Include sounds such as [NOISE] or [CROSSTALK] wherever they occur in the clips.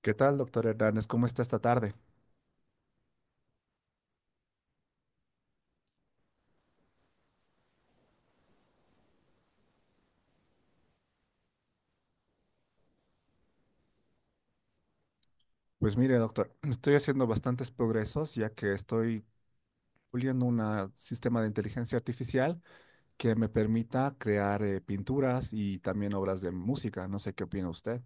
¿Qué tal, doctor Hernández? ¿Cómo está esta tarde? Pues mire, doctor, [CLEARS THROAT] estoy haciendo bastantes progresos ya que estoy puliendo un sistema de inteligencia artificial que me permita crear pinturas y también obras de música. No sé qué opina usted.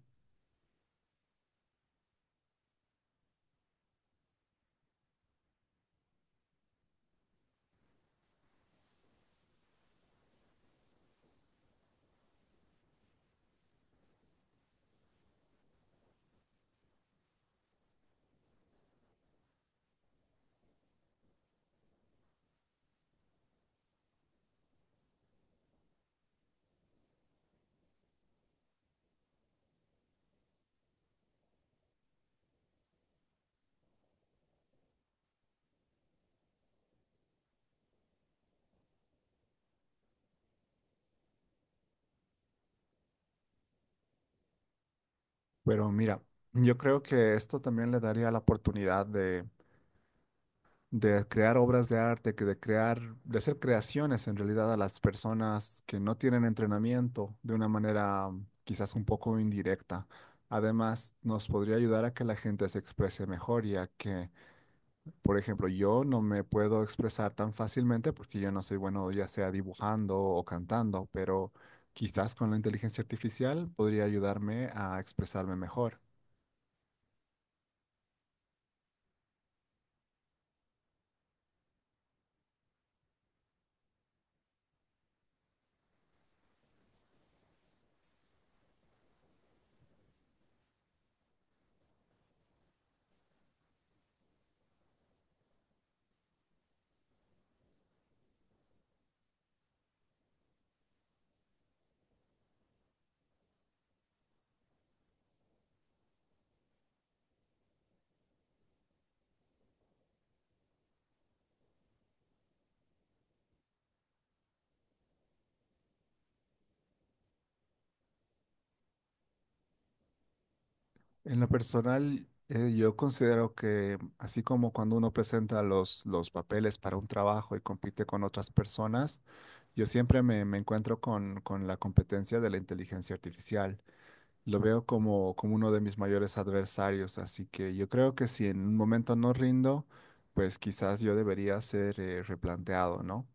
Pero mira, yo creo que esto también le daría la oportunidad de crear obras de arte, de hacer creaciones en realidad a las personas que no tienen entrenamiento de una manera quizás un poco indirecta. Además, nos podría ayudar a que la gente se exprese mejor, ya que, por ejemplo, yo no me puedo expresar tan fácilmente porque yo no soy bueno ya sea dibujando o cantando, pero quizás con la inteligencia artificial podría ayudarme a expresarme mejor. En lo personal, yo considero que así como cuando uno presenta los papeles para un trabajo y compite con otras personas, yo siempre me encuentro con la competencia de la inteligencia artificial. Lo veo como uno de mis mayores adversarios, así que yo creo que si en un momento no rindo, pues quizás yo debería ser replanteado, ¿no?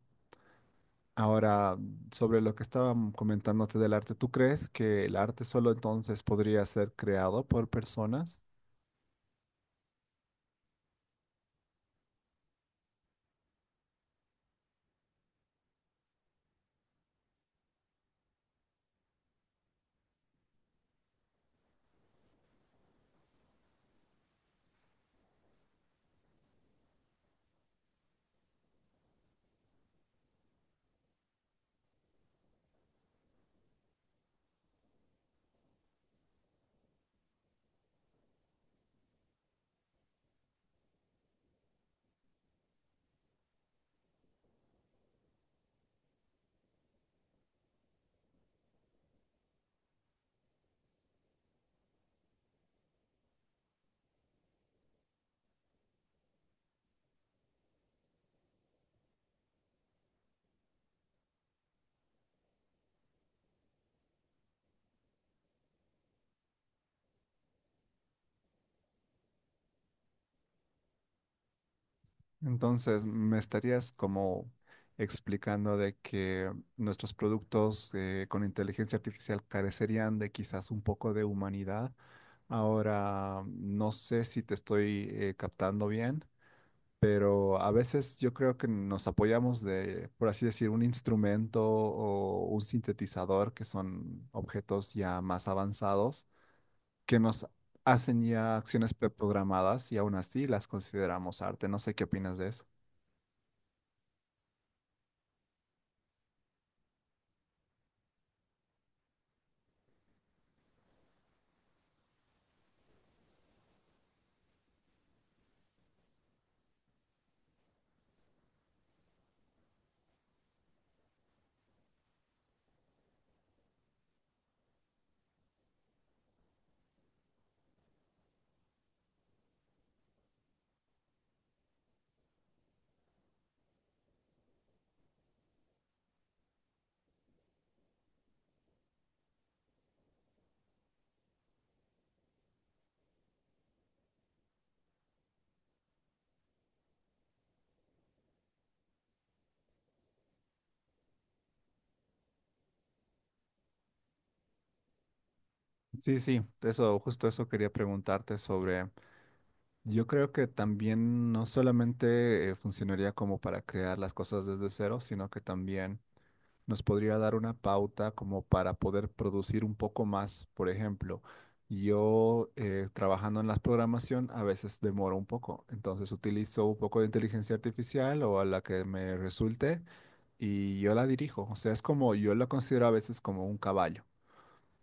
Ahora, sobre lo que estaba comentándote del arte, ¿tú crees que el arte solo entonces podría ser creado por personas? Entonces, me estarías como explicando de que nuestros productos con inteligencia artificial carecerían de quizás un poco de humanidad. Ahora, no sé si te estoy captando bien, pero a veces yo creo que nos apoyamos de, por así decir, un instrumento o un sintetizador, que son objetos ya más avanzados, que nos hacen ya acciones preprogramadas y aún así las consideramos arte. No sé qué opinas de eso. Sí, sí, eso, justo eso quería preguntarte sobre, yo creo que también no solamente funcionaría como para crear las cosas desde cero, sino que también nos podría dar una pauta como para poder producir un poco más. Por ejemplo, yo trabajando en la programación a veces demoro un poco, entonces utilizo un poco de inteligencia artificial o a la que me resulte y yo la dirijo. O sea, es como, yo la considero a veces como un caballo.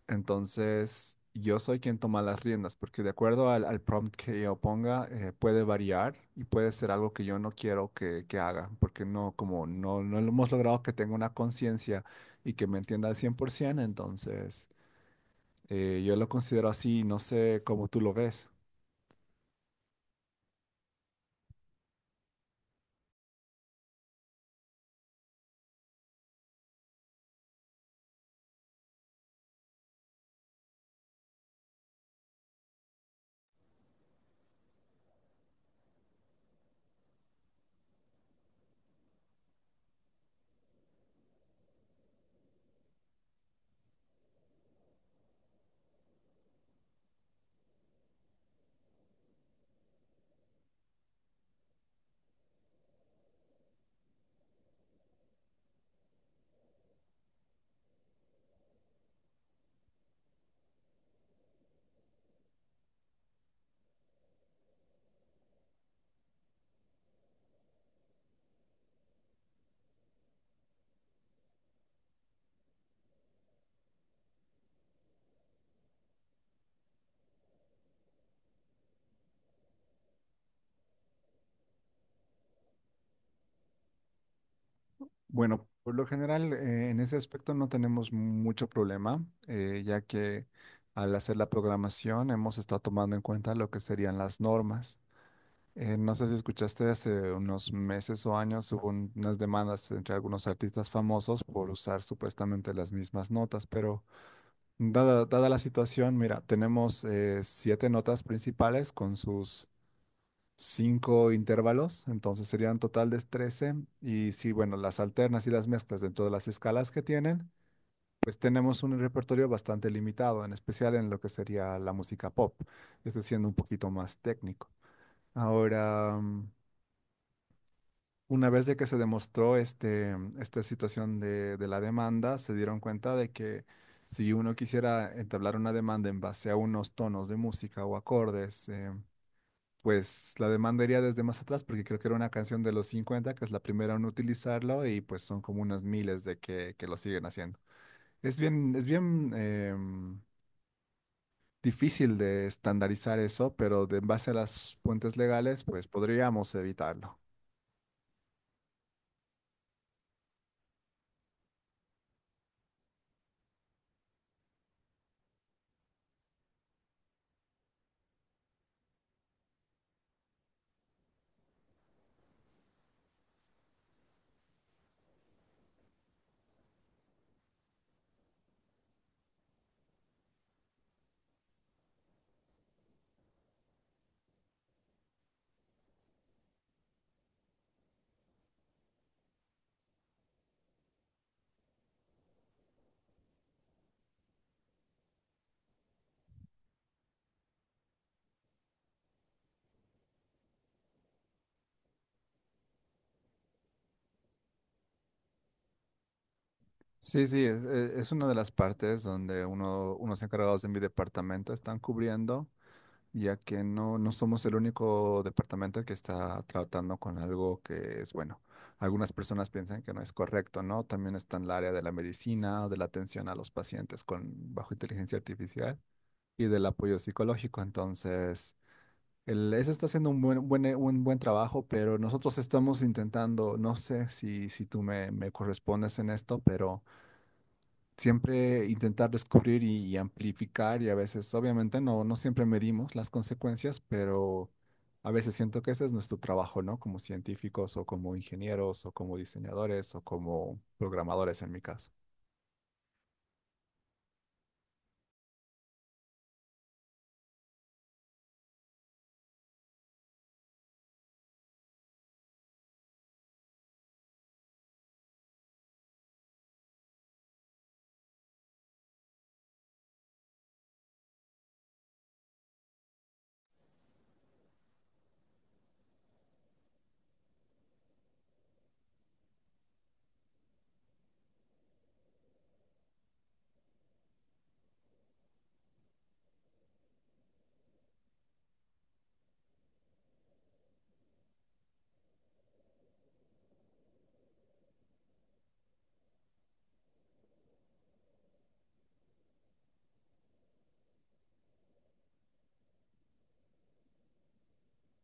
Entonces, yo soy quien toma las riendas, porque de acuerdo al prompt que yo ponga, puede variar y puede ser algo que yo no quiero que haga, porque no, como no, no lo hemos logrado que tenga una conciencia y que me entienda al 100%, entonces yo lo considero así, no sé cómo tú lo ves. Bueno, por lo general, en ese aspecto no tenemos mucho problema, ya que al hacer la programación hemos estado tomando en cuenta lo que serían las normas. No sé si escuchaste hace unos meses o años hubo unas demandas entre algunos artistas famosos por usar supuestamente las mismas notas, pero dada la situación, mira, tenemos siete notas principales con sus cinco intervalos, entonces serían un total de 13, y si, bueno, las alternas y las mezclas dentro de las escalas que tienen, pues tenemos un repertorio bastante limitado, en especial en lo que sería la música pop, esto siendo un poquito más técnico. Ahora, una vez de que se demostró esta situación de la demanda, se dieron cuenta de que si uno quisiera entablar una demanda en base a unos tonos de música o acordes, pues la demanda iría desde más atrás, porque creo que era una canción de los 50 que es la primera en utilizarlo, y pues son como unos miles de que lo siguen haciendo. Es bien, difícil de estandarizar eso, pero en base a las fuentes legales, pues podríamos evitarlo. Sí, sí, es una de las partes donde unos encargados de mi departamento están cubriendo, ya que no, no somos el único departamento que está tratando con algo que es bueno. Algunas personas piensan que no es correcto, ¿no? También está en el área de la medicina, de la atención a los pacientes con bajo inteligencia artificial y del apoyo psicológico. Entonces, ese está haciendo un buen trabajo, pero nosotros estamos intentando, no sé si, si tú me correspondes en esto, pero siempre intentar descubrir y amplificar y a veces, obviamente, no, no siempre medimos las consecuencias, pero a veces siento que ese es nuestro trabajo, ¿no? Como científicos o como ingenieros o como diseñadores o como programadores en mi caso.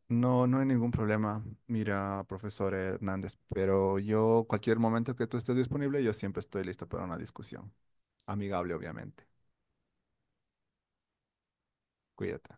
No, no hay ningún problema. Mira, profesor Hernández, pero yo, cualquier momento que tú estés disponible, yo siempre estoy listo para una discusión. Amigable, obviamente. Cuídate.